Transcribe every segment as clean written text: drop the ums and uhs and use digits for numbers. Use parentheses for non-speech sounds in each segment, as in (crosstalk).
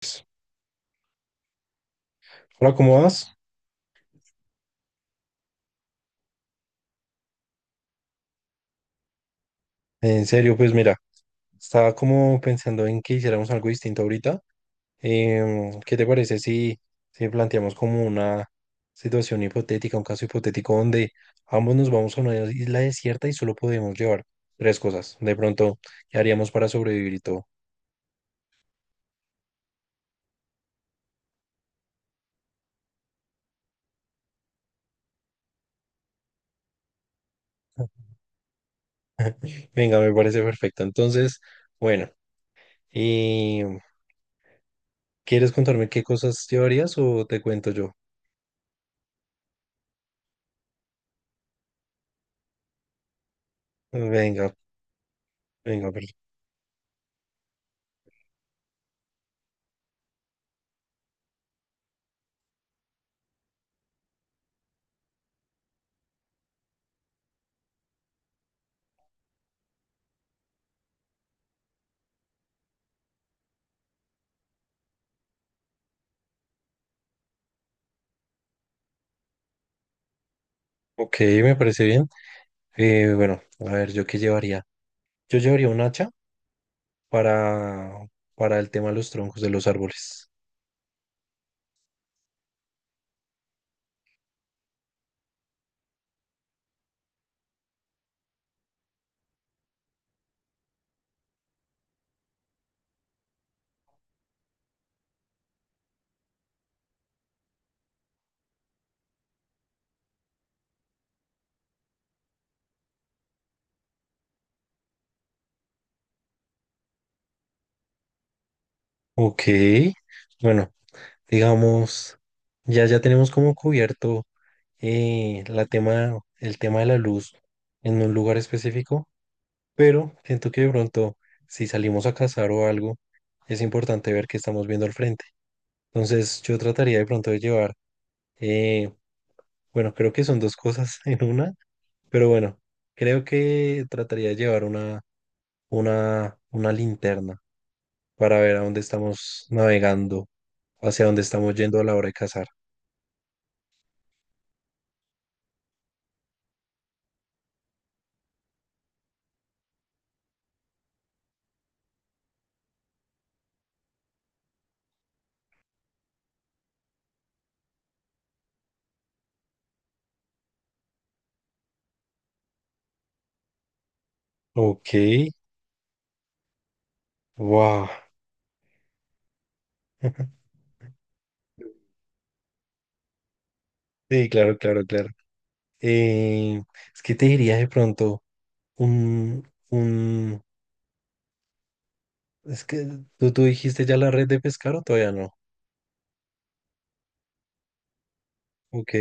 Pues, hola, ¿cómo vas? En serio, pues mira, estaba como pensando en que hiciéramos algo distinto ahorita. ¿Qué te parece si planteamos como una situación hipotética, un caso hipotético donde ambos nos vamos a una isla desierta y solo podemos llevar tres cosas? De pronto, ¿qué haríamos para sobrevivir y todo? Venga, me parece perfecto. Entonces, bueno, y, ¿quieres contarme qué cosas llevarías o te cuento yo? Venga, venga, perfecto. Ok, me parece bien. Bueno, a ver, ¿yo qué llevaría? Yo llevaría un hacha para, para el tema de los troncos de los árboles. Ok, bueno, digamos, ya tenemos como cubierto la tema, el tema de la luz en un lugar específico, pero siento que de pronto, si salimos a cazar o algo, es importante ver qué estamos viendo al frente. Entonces, yo trataría de pronto de llevar, eh, bueno, creo que son dos cosas (laughs) en una. Pero bueno, creo que trataría de llevar una linterna para ver a dónde estamos navegando, hacia dónde estamos yendo a la hora de cazar. Ok, wow. (laughs) Sí, claro, claro, claro. Eh, es que te diría de pronto un, un, es que tú dijiste ya la red de pescar o todavía no. Ok,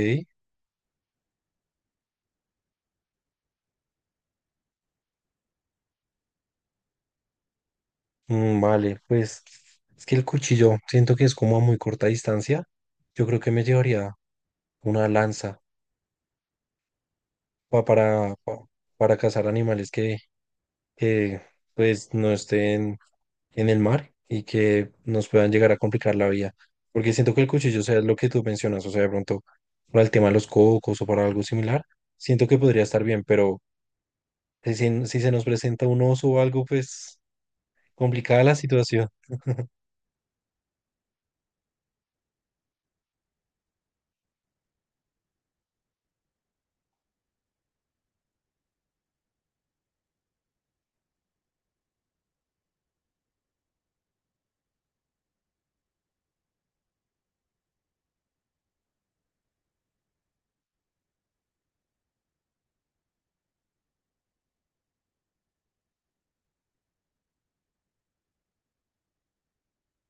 mm, vale, pues es que el cuchillo siento que es como a muy corta distancia. Yo creo que me llevaría una lanza pa- para, pa- para cazar animales que pues no estén en el mar y que nos puedan llegar a complicar la vida. Porque siento que el cuchillo, o sea, es lo que tú mencionas, o sea, de pronto para el tema de los cocos o para algo similar, siento que podría estar bien, pero si se nos presenta un oso o algo, pues complicada la situación.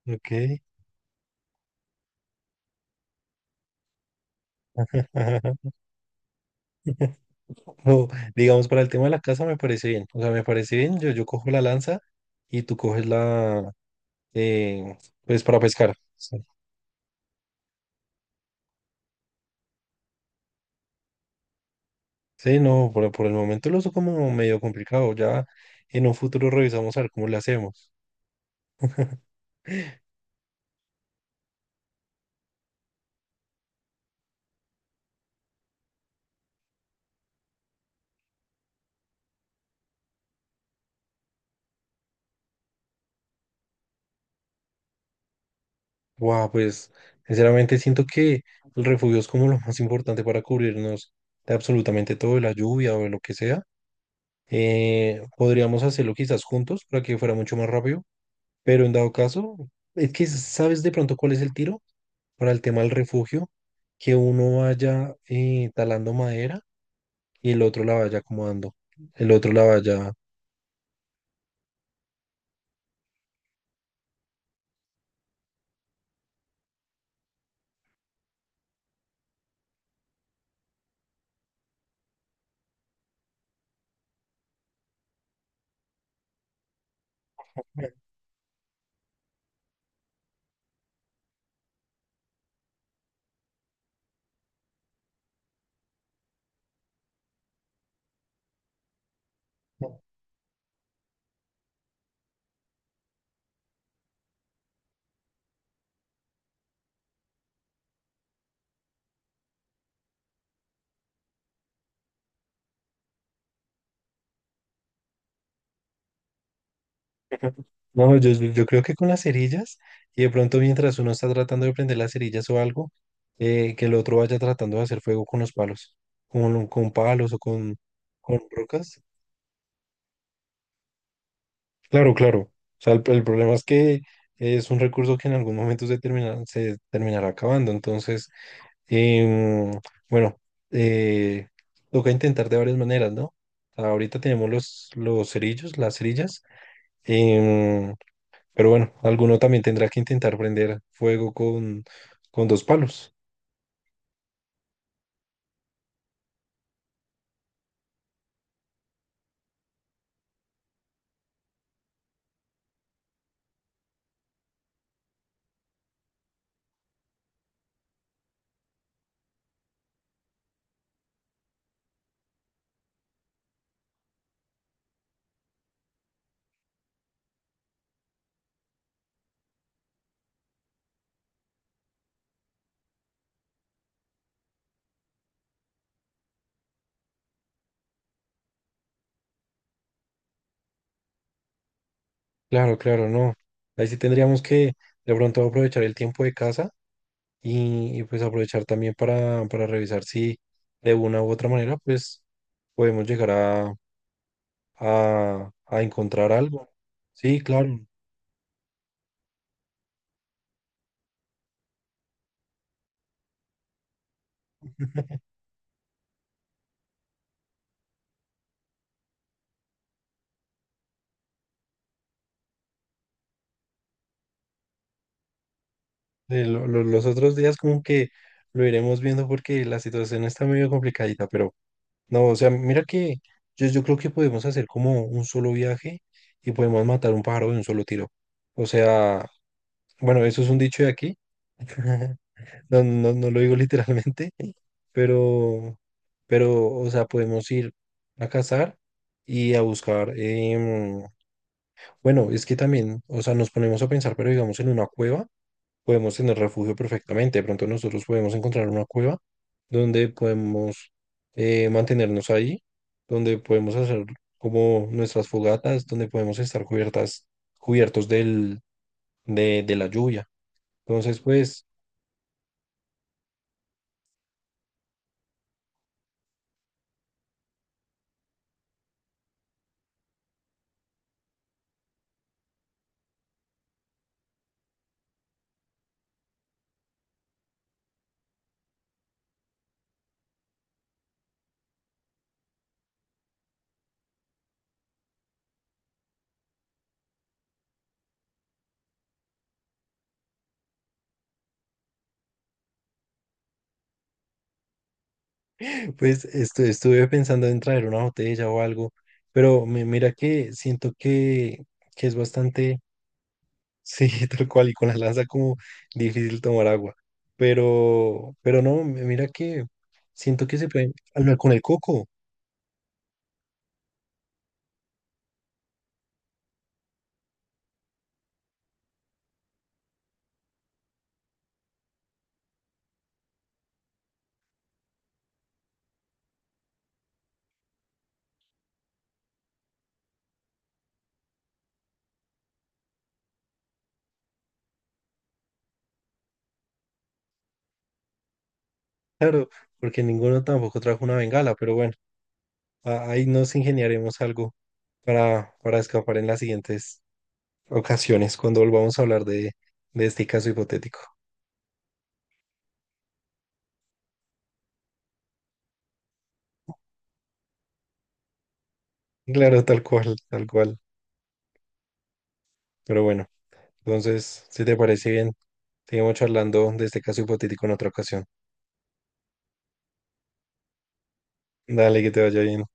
Ok. (laughs) O, digamos, para el tema de la casa me parece bien. O sea, me parece bien. Yo cojo la lanza y tú coges la, eh, pues para pescar. Sí, no, por el momento lo uso como medio complicado. Ya en un futuro revisamos a ver cómo le hacemos. Guau, pues sinceramente siento que el refugio es como lo más importante para cubrirnos de absolutamente todo, de la lluvia o de lo que sea. Podríamos hacerlo quizás juntos para que fuera mucho más rápido, pero en dado caso, es que sabes de pronto cuál es el tiro para el tema del refugio, que uno vaya talando madera y el otro la vaya acomodando, el otro la vaya. No, yo creo que con las cerillas, y de pronto mientras uno está tratando de prender las cerillas o algo, que el otro vaya tratando de hacer fuego con los palos, con palos o con rocas. Claro, claro. O sea, el problema es que es un recurso que en algún momento se termina, se terminará acabando. Entonces, em, bueno, eh, toca intentar de varias maneras, ¿no? Ahorita tenemos los cerillos, las cerillas. Em, Pero bueno, alguno también tendrá que intentar prender fuego con dos palos. Claro, claro, no. Ahí sí tendríamos que de pronto aprovechar el tiempo de casa pues aprovechar también para revisar si de una u otra manera pues podemos llegar a encontrar algo. Sí, claro. Los otros días como que lo iremos viendo porque la situación está medio complicadita, pero... No, o sea, mira que yo creo que podemos hacer como un solo viaje y podemos matar un pájaro de un solo tiro. O sea, bueno, eso es un dicho de aquí. (laughs) No, no, no lo digo (laughs) literalmente, pero, pero, o sea, podemos ir a cazar y a buscar. Bueno, es que también, o sea, nos ponemos a pensar, pero digamos en una cueva podemos tener refugio perfectamente. De pronto nosotros podemos encontrar una cueva donde podemos mantenernos ahí, donde podemos hacer como nuestras fogatas, donde podemos estar cubiertas, cubiertos del, de la lluvia. Entonces, pues, (laughs) pues estuve pensando en traer una botella o algo, pero mira que siento que es bastante sí, (laughs) tal cual, y con la lanza como difícil tomar agua. Pero no, mira que siento que se pueden hablar con el coco, claro, porque ninguno tampoco trajo una bengala, pero bueno, ahí nos ingeniaremos algo para escapar en las siguientes ocasiones cuando volvamos a hablar de este caso hipotético. Claro, tal cual, tal cual. Pero bueno, entonces, si te parece bien, seguimos charlando de este caso hipotético en otra ocasión. Dale, que te vaya bien.